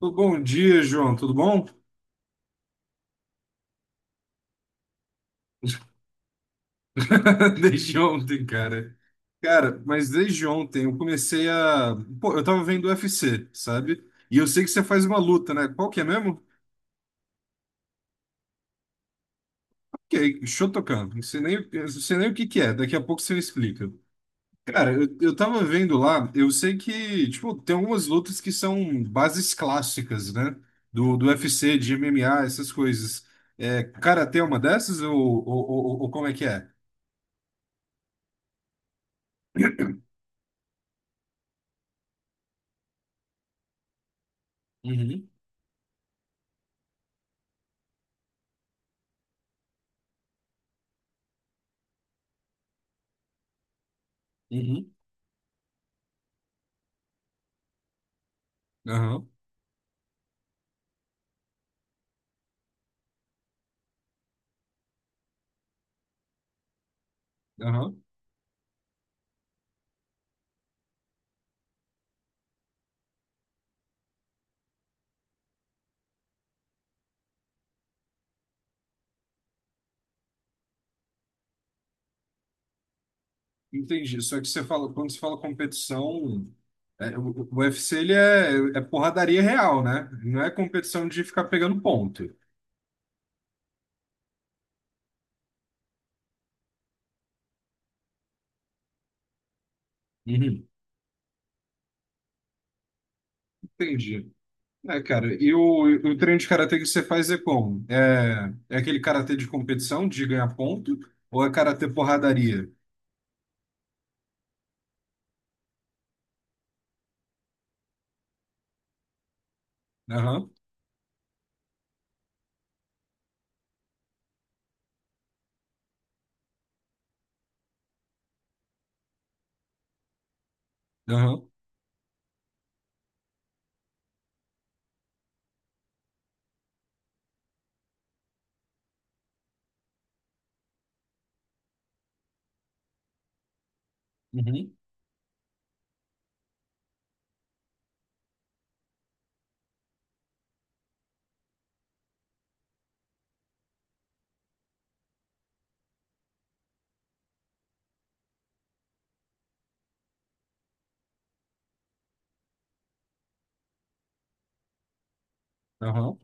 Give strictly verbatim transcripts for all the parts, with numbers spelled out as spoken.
Bom dia, João. Tudo bom? Desde ontem, cara. Cara, mas desde ontem eu comecei a. Pô, eu tava vendo U F C, sabe? E eu sei que você faz uma luta, né? Qual que é mesmo? Ok, Shotokan. Não sei nem, eu não sei nem o que que é. Daqui a pouco você me explica. Cara, eu, eu tava vendo lá, eu sei que, tipo, tem algumas lutas que são bases clássicas, né? Do, do U F C, de M M A, essas coisas. É, karatê é uma dessas ou, ou, ou, ou como é que é? Uhum, uhum. Aham. Aham, entendi. Só que você fala, quando você fala competição, é, o, o U F C ele é, é porradaria real, né? Não é competição de ficar pegando ponto. Uhum. Entendi. É, cara, e o, e o treino de karatê que você faz é como? É, é aquele karatê de competição, de ganhar ponto, ou é karatê porradaria? Aham, aham, uhum, aham.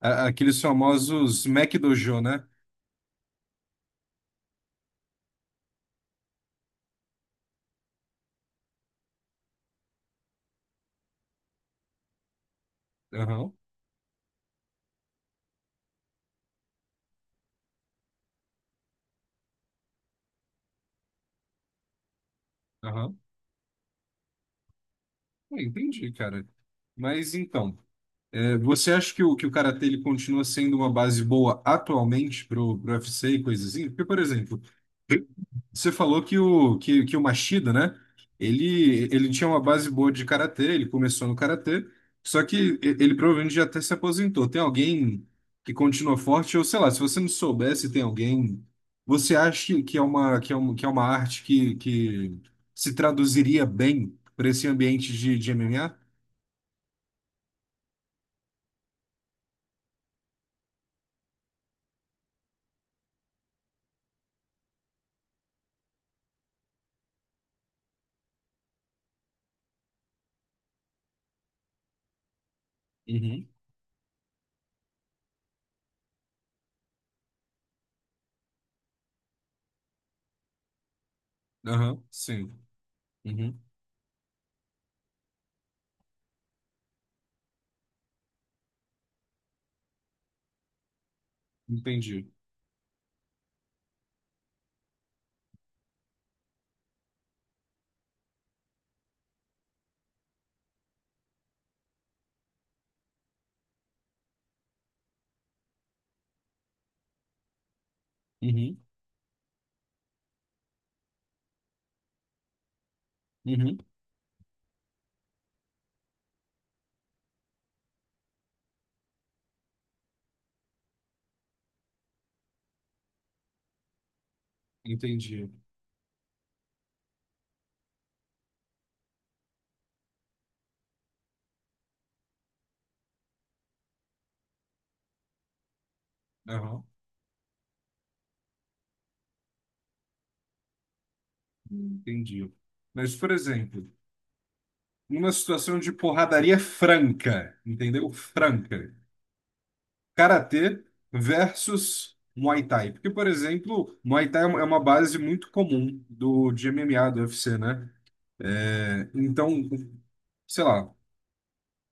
A- Aqueles famosos Mac Dojo, né? Aham, aham. É, entendi, cara. Mas então. É, você acha que o, que o karatê ele continua sendo uma base boa atualmente pro, pro U F C e coisas assim? Porque, por exemplo, você falou que o, que, que o Machida, né? Ele, ele tinha uma base boa de karatê, ele começou no karatê, só que e- ele provavelmente já até se aposentou. Tem alguém que continua forte, ou sei lá, se você não soubesse, tem alguém. Você acha que que é uma, que é uma, que é uma arte que, que se traduziria bem para esse ambiente de, de M M A? Uhum. Aham, sim. Uhum. Entendi. Uhum, uhum, entendi. Aham, entendi. Mas, por exemplo, numa situação de porradaria franca, entendeu? Franca. Karatê versus Muay Thai. Porque, por exemplo, Muay Thai é uma é uma base muito comum do, de M M A, do U F C, né? É, então, sei lá,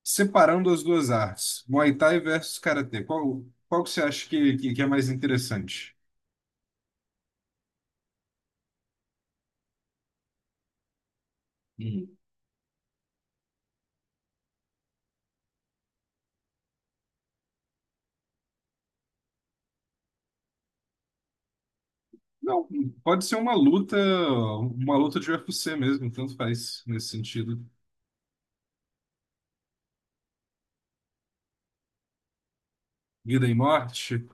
separando as duas artes, Muay Thai versus Karatê, qual, qual que você acha que, que, que é mais interessante? Não, pode ser uma luta, uma luta de U F C mesmo, tanto faz nesse sentido. Vida e morte.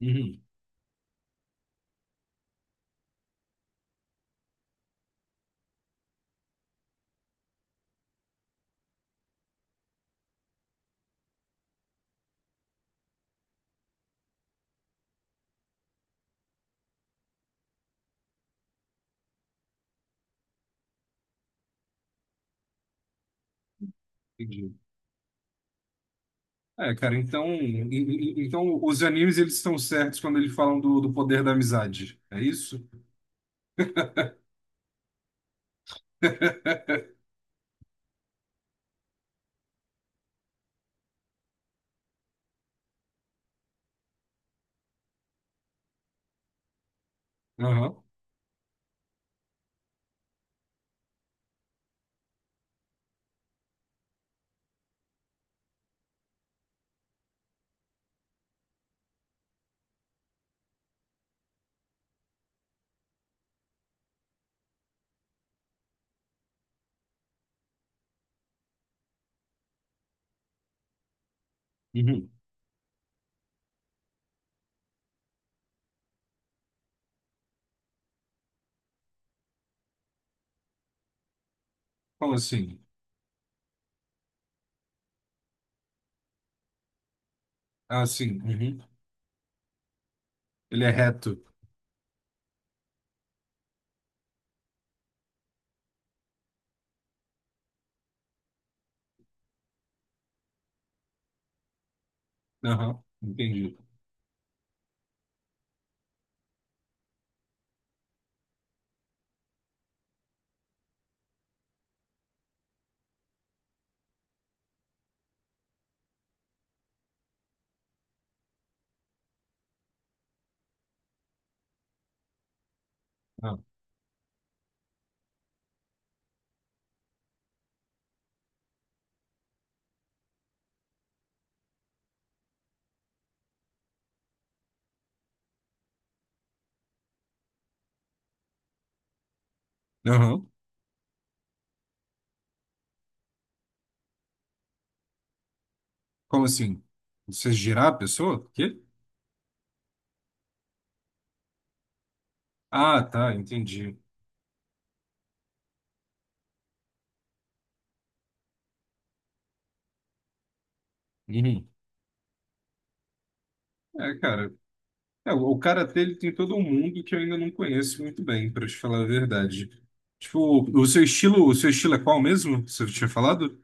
Uhum, entendi. É, cara, então, em- em- então os animes eles estão certos quando eles falam do, do poder da amizade, é isso? Aham. Uhum. Como assim? Ah, sim. Uhum. Ele é reto. Aham. Entendi. Ah. Aham. Como assim? Você girar a pessoa? Quê? Ah, tá, entendi. Uhum. É, cara. É, o o karatê ele tem todo um mundo que eu ainda não conheço muito bem, para te falar a verdade. Tipo, o seu estilo, o seu estilo é qual mesmo? Você tinha falado?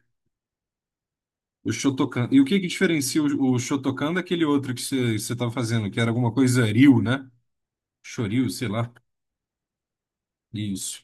O Shotokan. E o que que diferencia o, o Shotokan daquele outro que você que você tava fazendo, que era alguma coisa Ryu, né? Shoryu, sei lá. Isso.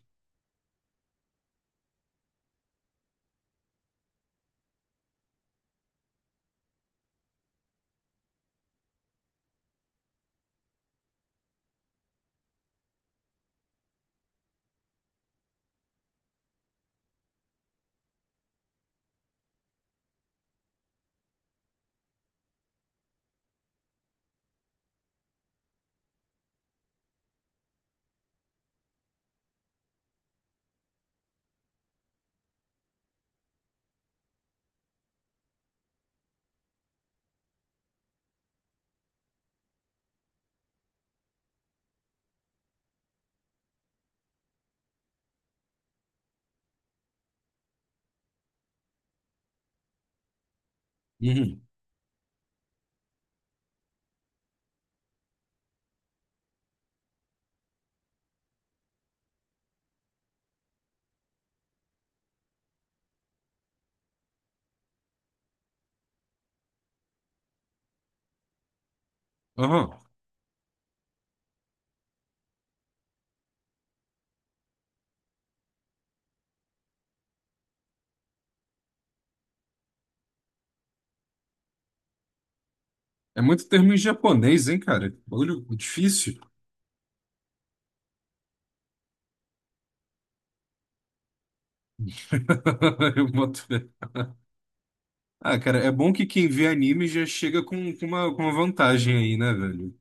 Uhum. Aham. É muito termo em japonês, hein, cara? Bagulho difícil. Eu boto fé. Ah, cara, é bom que quem vê anime já chega com, com uma, com uma vantagem aí, né, velho?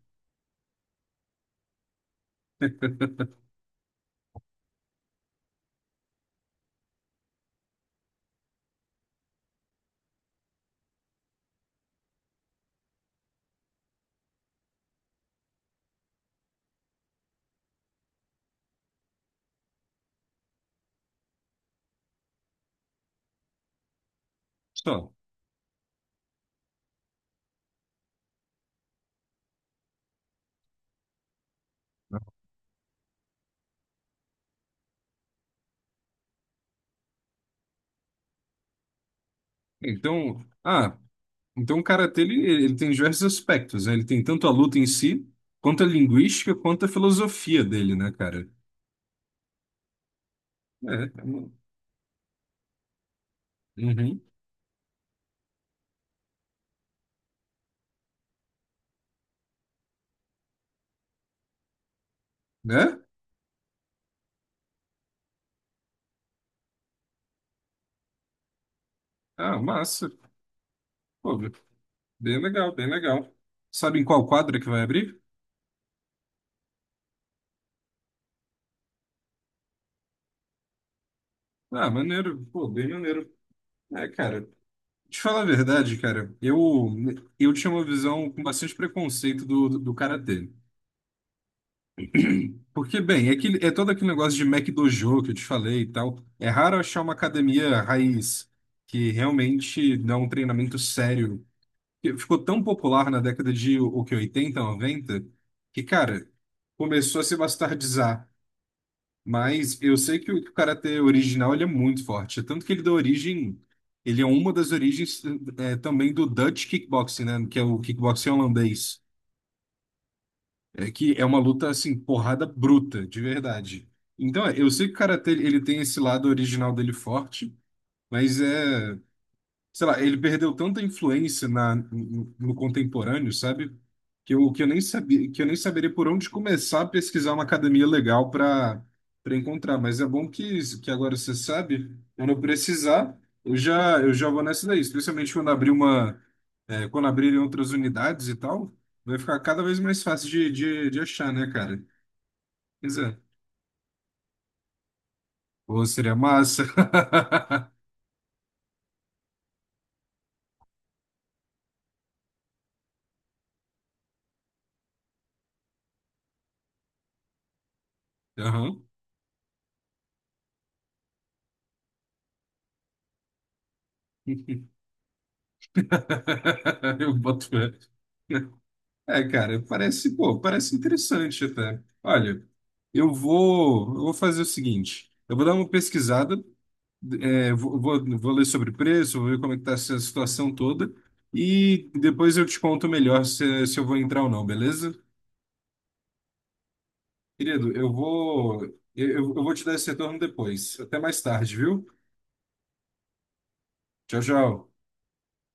Só. Então, ah, então, o karatê ele, ele tem diversos aspectos, né? Ele tem tanto a luta em si, quanto a linguística, quanto a filosofia dele, né, cara? É. Uhum. É? Ah, massa. Pô, bem legal, bem legal. Sabe em qual quadra que vai abrir? Ah, maneiro. Pô, bem maneiro. É, cara. Te falar a verdade, cara, eu, eu tinha uma visão com bastante preconceito do, do, do karatê. Porque, bem, é, aquele- é todo aquele negócio de Mac Dojo que eu te falei e tal. É raro achar uma academia raiz que realmente dá um treinamento sério. Que ficou tão popular na década de o o que, oitenta noventa que, cara, começou a se bastardizar. Mas eu sei que o, que o karatê original ele é muito forte. Tanto que ele dá origem. Ele é uma das origens eh, também do Dutch kickboxing, né? Que é o kickboxing holandês. É que é uma luta assim, porrada bruta, de verdade. Então, é, eu sei que o karatê ele tem esse lado original dele forte, mas é sei lá, ele perdeu tanta influência na, no, no contemporâneo, sabe? Que eu, que eu nem sabia, que eu nem saberia por onde começar a pesquisar uma academia legal para para encontrar. Mas é bom que, que agora você sabe, quando eu precisar, eu já, eu já vou nessa daí, especialmente quando abrir uma, é, quando abrirem outras unidades e tal, vai ficar cada vez mais fácil de, de, de achar, né, cara? Pois é. Pô, seria massa. Aham. Eu boto fé. É, cara, parece, pô, parece interessante até. Olha, eu vou, eu vou fazer o seguinte, eu vou dar uma pesquisada, é, vou, vou, vou ler sobre preço, vou ver como é que tá essa situação toda, e depois eu te conto melhor se, se eu vou entrar ou não, beleza? Querido, eu vou, eu, eu vou te dar esse retorno depois. Até mais tarde, viu? Tchau, tchau.